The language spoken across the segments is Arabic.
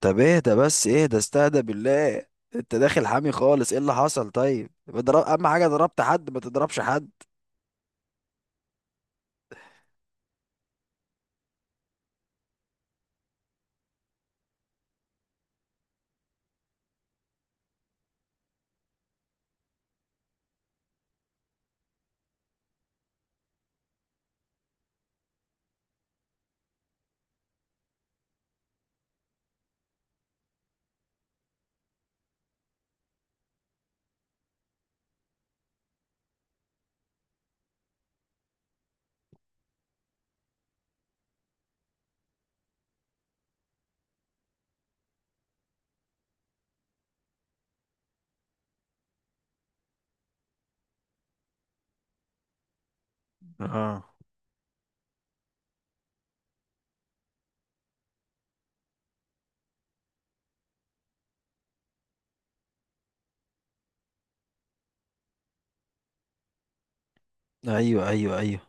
طب اهدى بس اهدى، استهدى بالله. انت داخل حامي خالص، ايه اللي حصل؟ طيب، بضرب اهم حاجه ضربت حد، ما تضربش حد. اه. ايوه، ايوه، ايوه.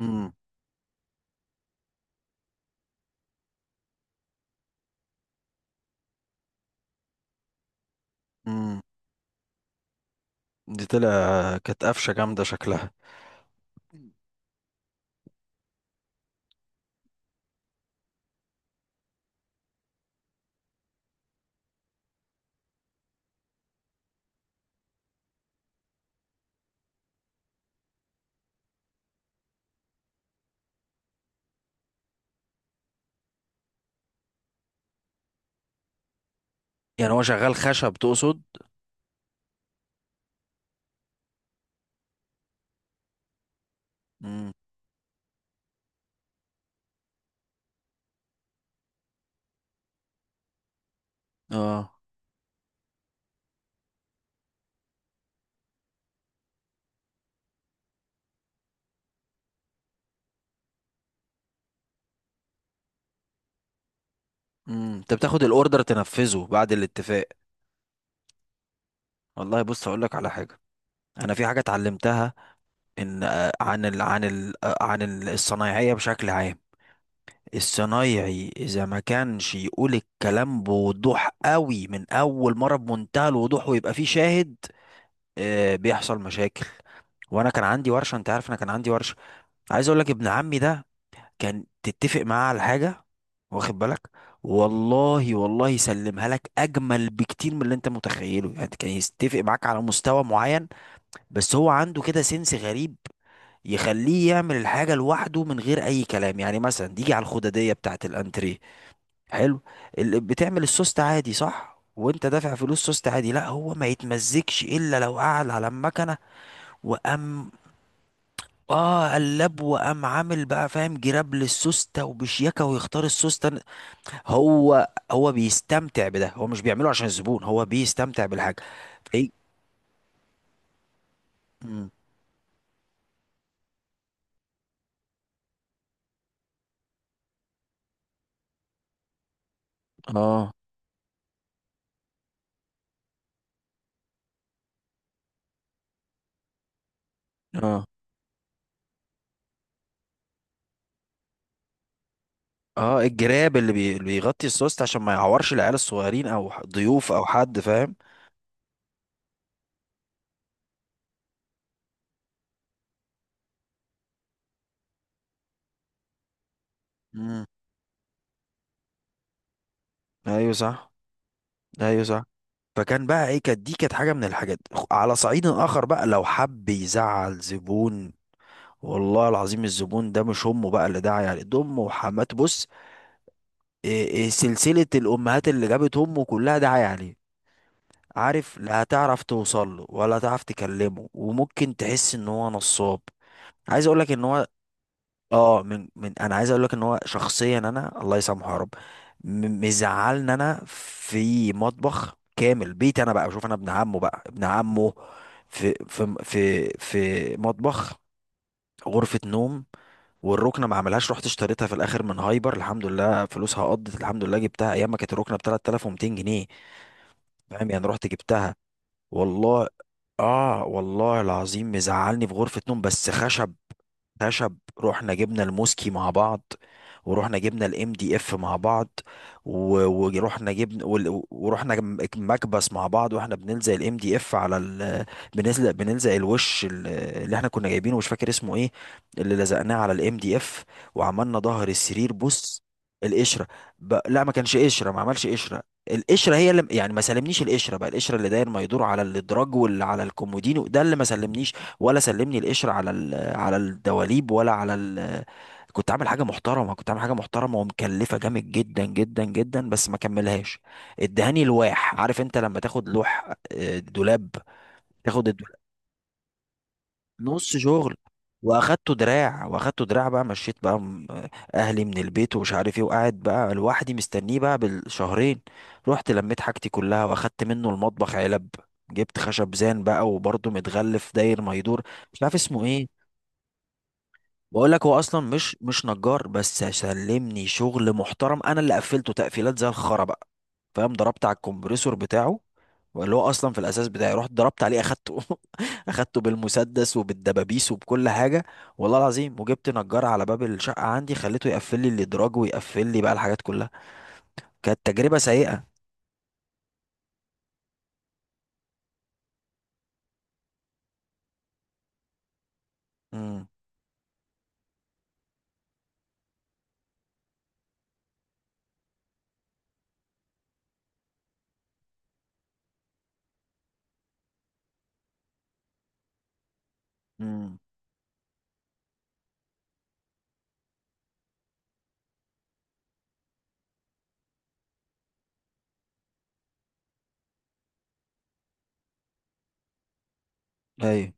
امم. امم. دي طلع كانت قفشه جامده شكلها. يعني هو شغال خشب تقصد؟ امم. اه. امم. انت بتاخد الاوردر تنفذه بعد الاتفاق. والله بص اقول لك على حاجه. انا في حاجه اتعلمتها، ان عن ال عن ال عن الصنايعيه بشكل عام. الصنايعي اذا ما كانش يقول الكلام بوضوح قوي من اول مره بمنتهى الوضوح ويبقى فيه شاهد، بيحصل مشاكل. وانا كان عندي ورشه، انت عارف انا كان عندي ورشه، عايز اقول لك ابن عمي ده، كان تتفق معاه على حاجه، واخد بالك، والله والله يسلمها لك اجمل بكتير من اللي انت متخيله. يعني كان يتفق معاك على مستوى معين، بس هو عنده كده سنس غريب يخليه يعمل الحاجه لوحده من غير اي كلام. يعني مثلا تيجي على الخداديه بتاعه الانتريه، حلو، بتعمل السوست عادي صح، وانت دافع فلوس سوست عادي، لا هو ما يتمزجش الا لو قعد على المكنه وقام. اه، قلب وقام عامل بقى فاهم جراب للسوسته وبشياكه ويختار السوسته. هو بيستمتع بده، هو مش بيعمله عشان الزبون، هو بيستمتع بالحاجه. ايه. مم. اه، اه، اه، الجراب اللي بيغطي السوست عشان ما يعورش العيال الصغيرين او ضيوف او حد، فاهم. مم. ايوه صح. ايوه صح. فكان بقى ايه، كانت دي كانت حاجه من الحاجات. على صعيد اخر بقى، لو حب يزعل زبون، والله العظيم الزبون ده مش امه بقى اللي داعي عليه، ده امه وحماته، بص، إيه إيه، سلسله الامهات اللي جابت امه كلها داعي عليه. عارف، لا هتعرف توصل له ولا هتعرف تكلمه، وممكن تحس ان هو نصاب. عايز اقول لك ان هو، اه من انا عايز اقول لك ان هو شخصيا، انا الله يسامحه يا رب، مزعلني. انا في مطبخ كامل بيتي، انا بقى بشوف انا ابن عمه بقى ابن عمه، في مطبخ، غرفة نوم، والركنه ما عملهاش، رحت اشتريتها في الاخر من هايبر، الحمد لله فلوسها قضت الحمد لله، جبتها ايام ما كانت الركنه ب 3200 جنيه. فاهم، يعني رحت جبتها، والله. اه والله العظيم مزعلني في غرفة نوم، بس خشب، خشب رحنا جبنا الموسكي مع بعض، ورحنا جبنا الام دي اف مع بعض، و- ورحنا جبنا وال- ورحنا جم- مكبس مع بعض. واحنا بنلزق الام دي اف على بنلزق الوش اللي احنا كنا جايبينه، مش فاكر اسمه ايه، اللي لزقناه على الام دي اف وعملنا ظهر السرير، بص، القشرة، لا ما كانش قشرة ما عملش قشرة. القشره هي اللي يعني ما سلمنيش، القشره بقى القشره اللي داير ما يدور على الادراج واللي على الكومودينو ده اللي ما سلمنيش، ولا سلمني القشره على على الدواليب كنت عامل حاجه محترمه، كنت عامل حاجه محترمه ومكلفه جامد جدا جدا جدا، بس ما كملهاش. ادهاني لواح. عارف انت لما تاخد لوح دولاب، تاخد الد- نص شغل، واخدته دراع واخدته دراع بقى، مشيت بقى، اهلي من البيت ومش عارف ايه، وقاعد بقى لوحدي مستنيه بقى بالشهرين. رحت لميت حاجتي كلها واخدت منه المطبخ علب، جبت خشب زان بقى وبرضه متغلف داير ما يدور، مش عارف اسمه ايه. بقول لك هو اصلا مش نجار، بس سلمني شغل محترم، انا اللي قفلته تقفيلات زي الخرا بقى، فاهم. ضربت على الكمبريسور بتاعه، اللي هو اصلا في الاساس بتاعي، رحت ضربت عليه، اخدته اخدته بالمسدس وبالدبابيس وبكل حاجه، والله العظيم. وجبت نجار على باب الشقه عندي، خليته يقفل لي الادراج ويقفل لي بقى الحاجات كلها. كانت تجربه سيئه. امم. امم. ايوه.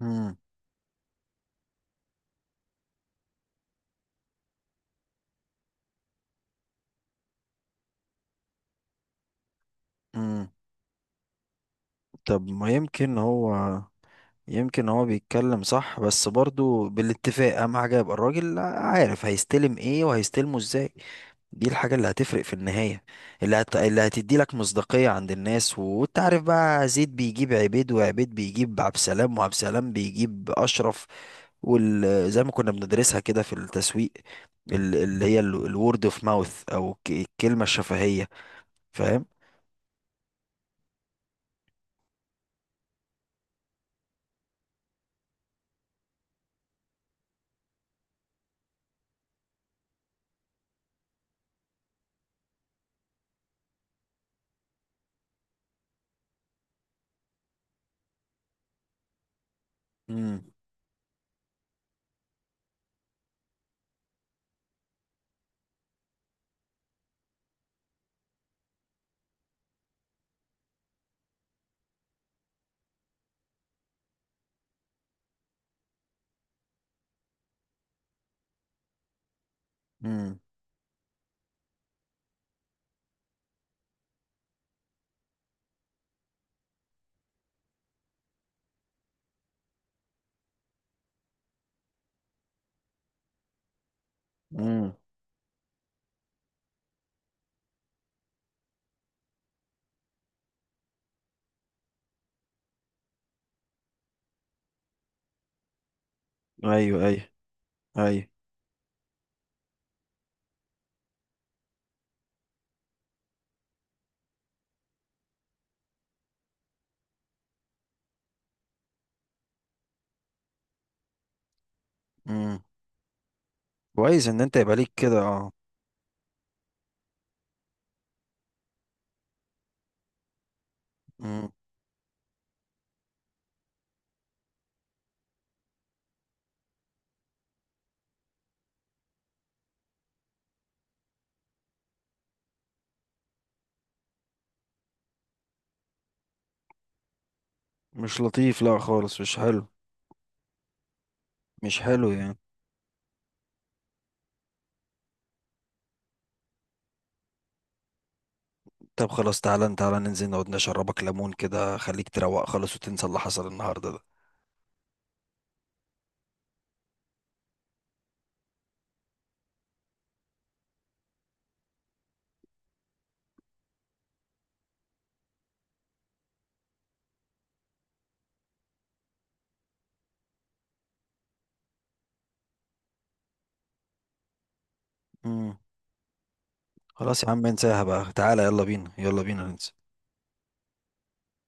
امم. امم. طب ما يمكن هو بيتكلم صح بس برضو بالاتفاق، اهم حاجه يبقى الراجل عارف هيستلم ايه وهيستلمه ازاي. دي الحاجة اللي هتفرق في النهاية، اللي هتدي لك مصداقية عند الناس، وانت عارف بقى، زيد بيجيب عبيد، وعبيد بيجيب عبد سلام، وعبد سلام بيجيب أشرف، زي ما كنا بندرسها كده في التسويق، اللي هي الورد اوف ماوث او الكلمة الشفهية، فاهم. امم. امم. امم. ايوه، ايوه، ايوه. امم. كويس ان انت يبقى ليك كده. اه. امم. مش لطيف، لا خالص، مش حلو. مش حلو يعني. طب خلاص، تعالى تعالى ننزل نقعد نشربك ليمون كده، خليك تروق خالص وتنسى اللي حصل النهارده ده. امم. خلاص يا عم، انساها بقى، تعالى، يلا بينا يلا بينا ننسى.